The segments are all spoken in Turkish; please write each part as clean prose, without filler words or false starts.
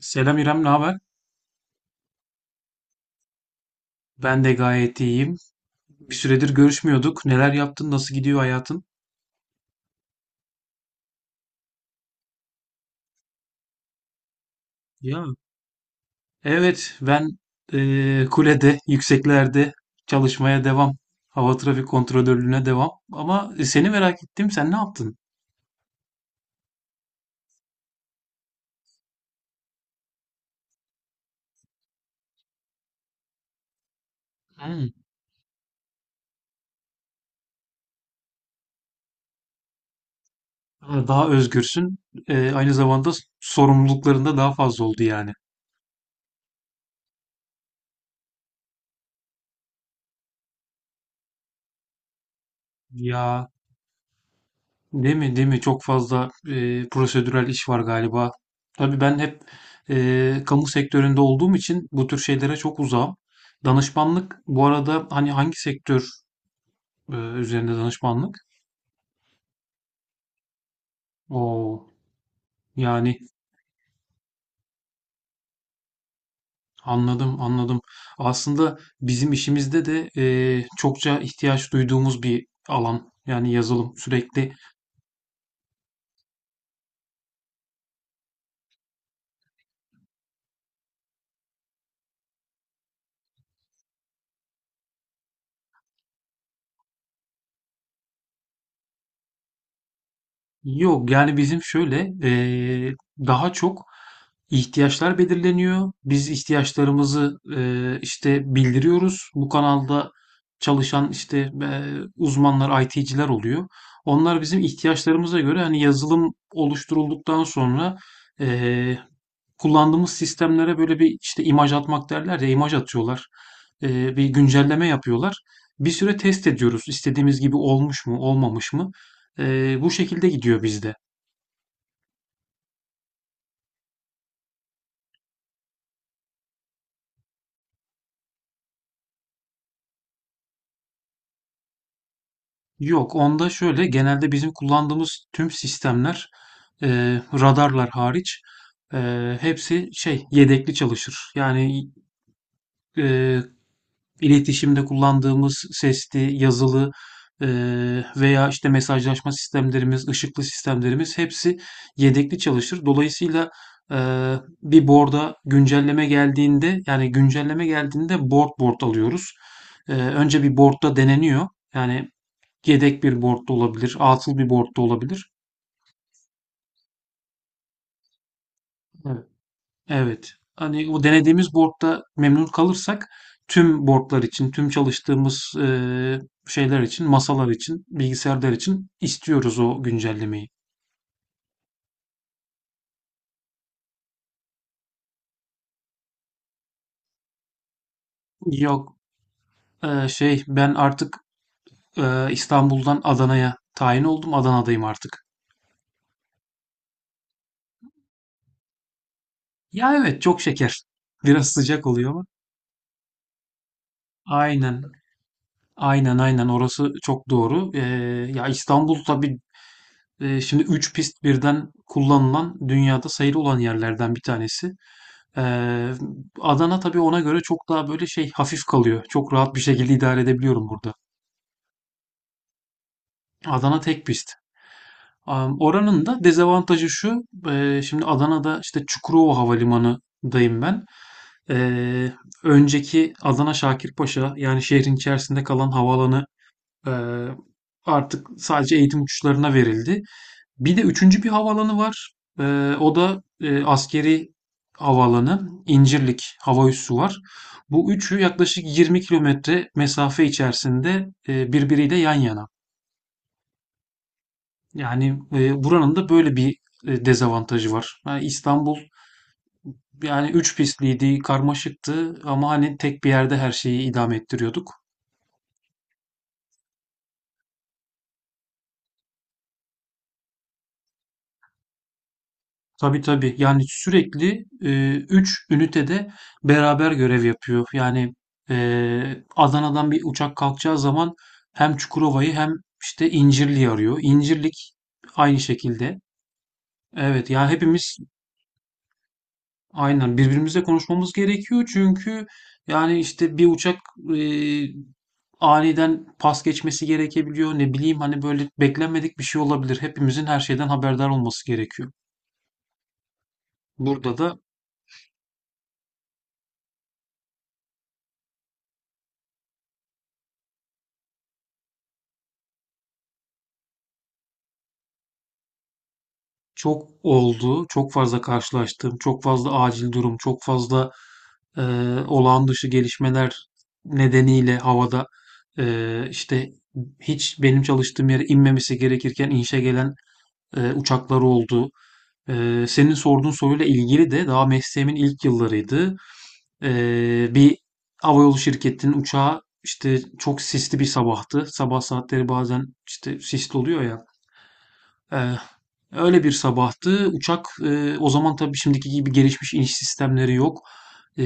Selam İrem, ne haber? Ben de gayet iyiyim. Bir süredir görüşmüyorduk. Neler yaptın? Nasıl gidiyor hayatın? Ya. Evet, ben kulede, yükseklerde çalışmaya devam. Hava trafik kontrolörlüğüne devam. Ama seni merak ettim. Sen ne yaptın? Hmm. Daha özgürsün. Aynı zamanda sorumlulukların da daha fazla oldu yani. Ya, değil mi? Değil mi? Çok fazla prosedürel iş var galiba. Tabii ben hep kamu sektöründe olduğum için bu tür şeylere çok uzağım. Danışmanlık bu arada hani hangi sektör üzerinde danışmanlık? O, yani anladım anladım. Aslında bizim işimizde de çokça ihtiyaç duyduğumuz bir alan. Yani yazılım sürekli. Yok, yani bizim şöyle daha çok ihtiyaçlar belirleniyor. Biz ihtiyaçlarımızı işte bildiriyoruz. Bu kanalda çalışan işte uzmanlar, IT'ciler oluyor. Onlar bizim ihtiyaçlarımıza göre hani yazılım oluşturulduktan sonra kullandığımız sistemlere böyle bir, işte, imaj atmak derler ya, imaj atıyorlar. Bir güncelleme yapıyorlar. Bir süre test ediyoruz. İstediğimiz gibi olmuş mu, olmamış mı? Bu şekilde gidiyor bizde. Yok, onda şöyle, genelde bizim kullandığımız tüm sistemler, radarlar hariç, hepsi şey, yedekli çalışır. Yani, eee iletişimde kullandığımız sesli, yazılı veya işte mesajlaşma sistemlerimiz, ışıklı sistemlerimiz hepsi yedekli çalışır. Dolayısıyla bir board'a güncelleme geldiğinde yani güncelleme geldiğinde board board alıyoruz. Önce bir board'da deneniyor. Yani yedek bir board da olabilir, atıl bir board da olabilir. Evet. Evet. Hani o denediğimiz board'da memnun kalırsak tüm board'lar için, tüm çalıştığımız şeyler için, masalar için, bilgisayarlar için istiyoruz o güncellemeyi. Yok, şey ben artık İstanbul'dan Adana'ya tayin oldum. Adana'dayım artık. Ya evet, çok şeker. Biraz sıcak oluyor ama. Aynen. Aynen aynen, orası çok doğru. Ya İstanbul tabii şimdi 3 pist birden kullanılan dünyada sayılı olan yerlerden bir tanesi. Eee, Adana tabii ona göre çok daha böyle şey hafif kalıyor. Çok rahat bir şekilde idare edebiliyorum burada. Adana tek pist. Oranın da dezavantajı şu. Şimdi Adana'da işte Çukurova Havalimanı'dayım ben. Eee, Önceki Adana Şakirpaşa yani şehrin içerisinde kalan havaalanı eee, artık sadece eğitim uçuşlarına verildi. Bir de üçüncü bir havaalanı var. O da askeri havaalanı. İncirlik hava üssü var. Bu üçü yaklaşık 20 kilometre mesafe içerisinde birbiriyle yan yana. Yani buranın da böyle bir dezavantajı var. Ha, İstanbul yani üç pistliydi, karmaşıktı ama hani tek bir yerde her şeyi idame ettiriyorduk. Tabii tabii. Yani sürekli 3 ünitede beraber görev yapıyor. Yani Adana'dan bir uçak kalkacağı zaman hem Çukurova'yı hem işte İncirli'yi arıyor. İncirlik aynı şekilde. Evet ya, hepimiz aynen birbirimizle konuşmamız gerekiyor. Çünkü yani işte bir uçak e, aniden pas geçmesi gerekebiliyor. Ne bileyim hani böyle beklenmedik bir şey olabilir. Hepimizin her şeyden haberdar olması gerekiyor. Burada da çok oldu, çok fazla karşılaştığım, çok fazla acil durum, çok fazla e, olağan dışı gelişmeler nedeniyle havada işte hiç benim çalıştığım yere inmemesi gerekirken inişe gelen uçaklar oldu. Senin sorduğun soruyla ilgili de daha mesleğimin ilk yıllarıydı. Bir havayolu şirketinin uçağı işte çok sisli bir sabahtı. Sabah saatleri bazen işte sisli oluyor ya. Ee, Öyle bir sabahtı. Uçak, o zaman tabii şimdiki gibi gelişmiş iniş sistemleri yok. Ee,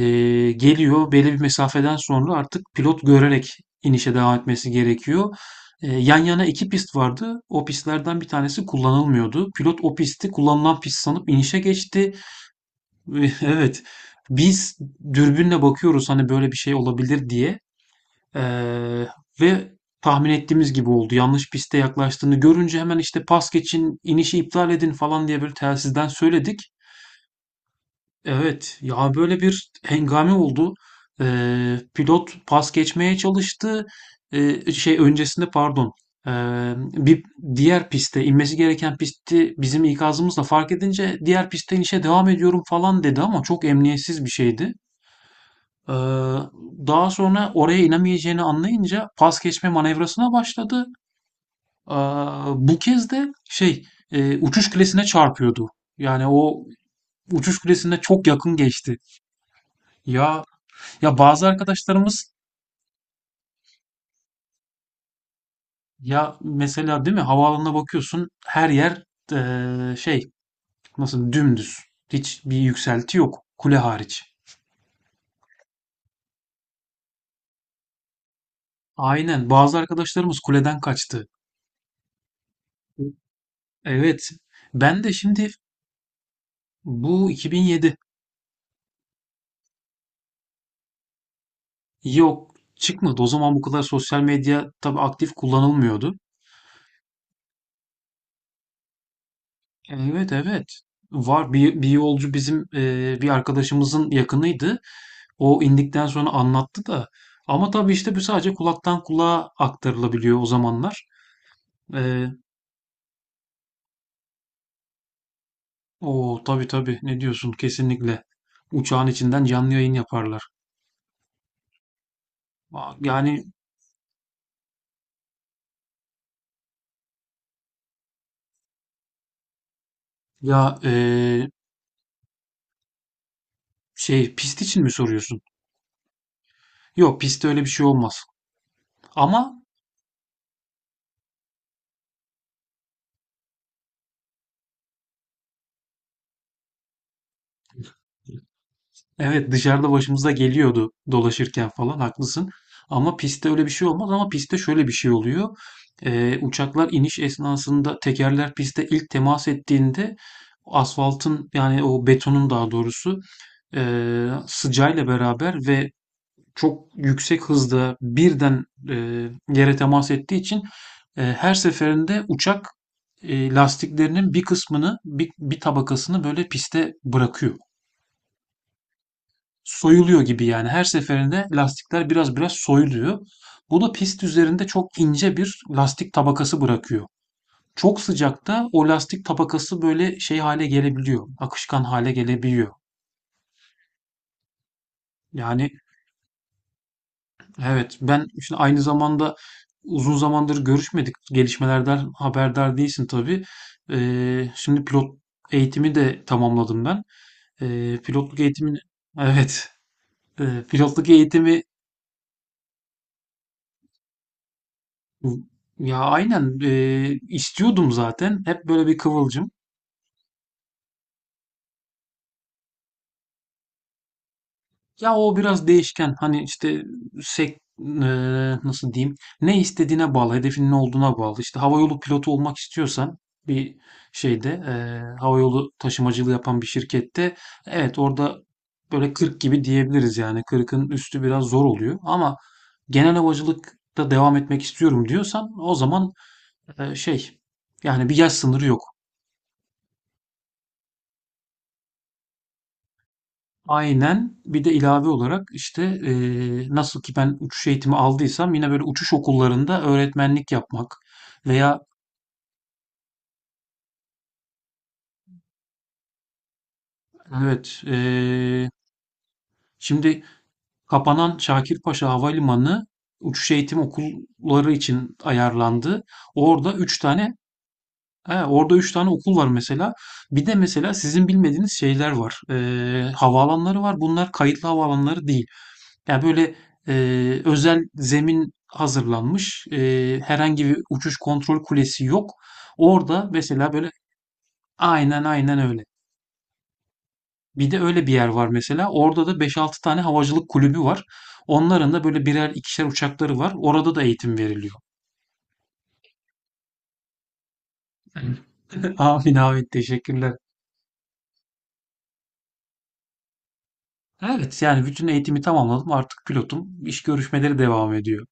Geliyor belli bir mesafeden sonra artık pilot görerek inişe devam etmesi gerekiyor. Yan yana iki pist vardı. O pistlerden bir tanesi kullanılmıyordu. Pilot o pisti kullanılan pist sanıp inişe geçti. Ve evet. Biz dürbünle bakıyoruz hani böyle bir şey olabilir diye. Ee, Ve tahmin ettiğimiz gibi oldu. Yanlış piste yaklaştığını görünce hemen işte pas geçin, inişi iptal edin falan diye böyle telsizden söyledik. Evet ya, böyle bir hengame oldu. Pilot pas geçmeye çalıştı. Şey öncesinde pardon. Ee, Bir diğer piste inmesi gereken pisti bizim ikazımızla fark edince diğer piste inişe devam ediyorum falan dedi ama çok emniyetsiz bir şeydi. Ee, Daha sonra oraya inemeyeceğini anlayınca pas geçme manevrasına başladı. Ee, Bu kez de şey, uçuş kulesine çarpıyordu. Yani o uçuş kulesine çok yakın geçti. Ya ya, bazı arkadaşlarımız, ya mesela değil mi, havaalanına bakıyorsun, her yer şey, nasıl, dümdüz. Hiç bir yükselti yok, kule hariç. Aynen, bazı arkadaşlarımız kuleden kaçtı. Evet. Ben de şimdi, bu 2007. Yok, çıkmadı. O zaman bu kadar sosyal medya tabii aktif kullanılmıyordu. Evet evet. Var, bir yolcu bizim bir arkadaşımızın yakınıydı. O indikten sonra anlattı da. Ama tabii işte bu sadece kulaktan kulağa aktarılabiliyor o zamanlar. E, O tabii tabii, ne diyorsun, kesinlikle. Uçağın içinden canlı yayın yaparlar. Aa, yani ya, şey pist için mi soruyorsun? Yok, pistte öyle bir şey olmaz. Ama evet, dışarıda başımıza geliyordu dolaşırken falan, haklısın. Ama pistte öyle bir şey olmaz, ama pistte şöyle bir şey oluyor. Uçaklar iniş esnasında tekerler pistte ilk temas ettiğinde asfaltın, yani o betonun daha doğrusu, sıcağıyla beraber ve çok yüksek hızda birden yere temas ettiği için her seferinde uçak lastiklerinin bir kısmını, bir tabakasını böyle piste bırakıyor. Soyuluyor gibi yani. Her seferinde lastikler biraz biraz soyuluyor. Bu da pist üzerinde çok ince bir lastik tabakası bırakıyor. Çok sıcakta o lastik tabakası böyle şey hale gelebiliyor. Akışkan hale gelebiliyor. Yani evet, ben şimdi aynı zamanda uzun zamandır görüşmedik. Gelişmelerden haberdar değilsin tabii. Şimdi pilot eğitimi de tamamladım ben. Pilotluk eğitimini evet, pilotluk eğitimi. Ya, aynen, istiyordum zaten. Hep böyle bir kıvılcım. Ya, o biraz değişken. Hani işte sek nasıl diyeyim? Ne istediğine bağlı, hedefin ne olduğuna bağlı. İşte havayolu pilotu olmak istiyorsan bir şeyde, havayolu taşımacılığı yapan bir şirkette, evet orada böyle 40 gibi diyebiliriz yani. 40'ın üstü biraz zor oluyor ama genel havacılıkta devam etmek istiyorum diyorsan o zaman şey, yani bir yaş sınırı yok. Aynen. Bir de ilave olarak işte nasıl ki ben uçuş eğitimi aldıysam yine böyle uçuş okullarında öğretmenlik yapmak veya evet, şimdi kapanan Şakirpaşa Havalimanı uçuş eğitim okulları için ayarlandı. Orada üç tane he, orada üç tane okul var mesela. Bir de mesela sizin bilmediğiniz şeyler var. Havaalanları var. Bunlar kayıtlı havaalanları değil. Yani böyle e, özel zemin hazırlanmış. Herhangi bir uçuş kontrol kulesi yok. Orada mesela böyle, aynen aynen öyle. Bir de öyle bir yer var mesela. Orada da beş altı tane havacılık kulübü var. Onların da böyle birer ikişer uçakları var. Orada da eğitim veriliyor. Amin amin, teşekkürler. Evet, yani bütün eğitimi tamamladım. Artık pilotum. İş görüşmeleri devam ediyor.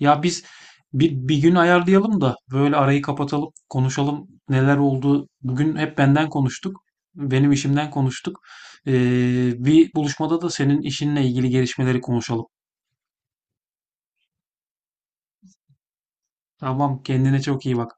Ya biz bir gün ayarlayalım da böyle arayı kapatalım, konuşalım neler oldu. Bugün hep benden konuştuk, benim işimden konuştuk. Bir buluşmada da senin işinle ilgili gelişmeleri konuşalım. Tamam, kendine çok iyi bak.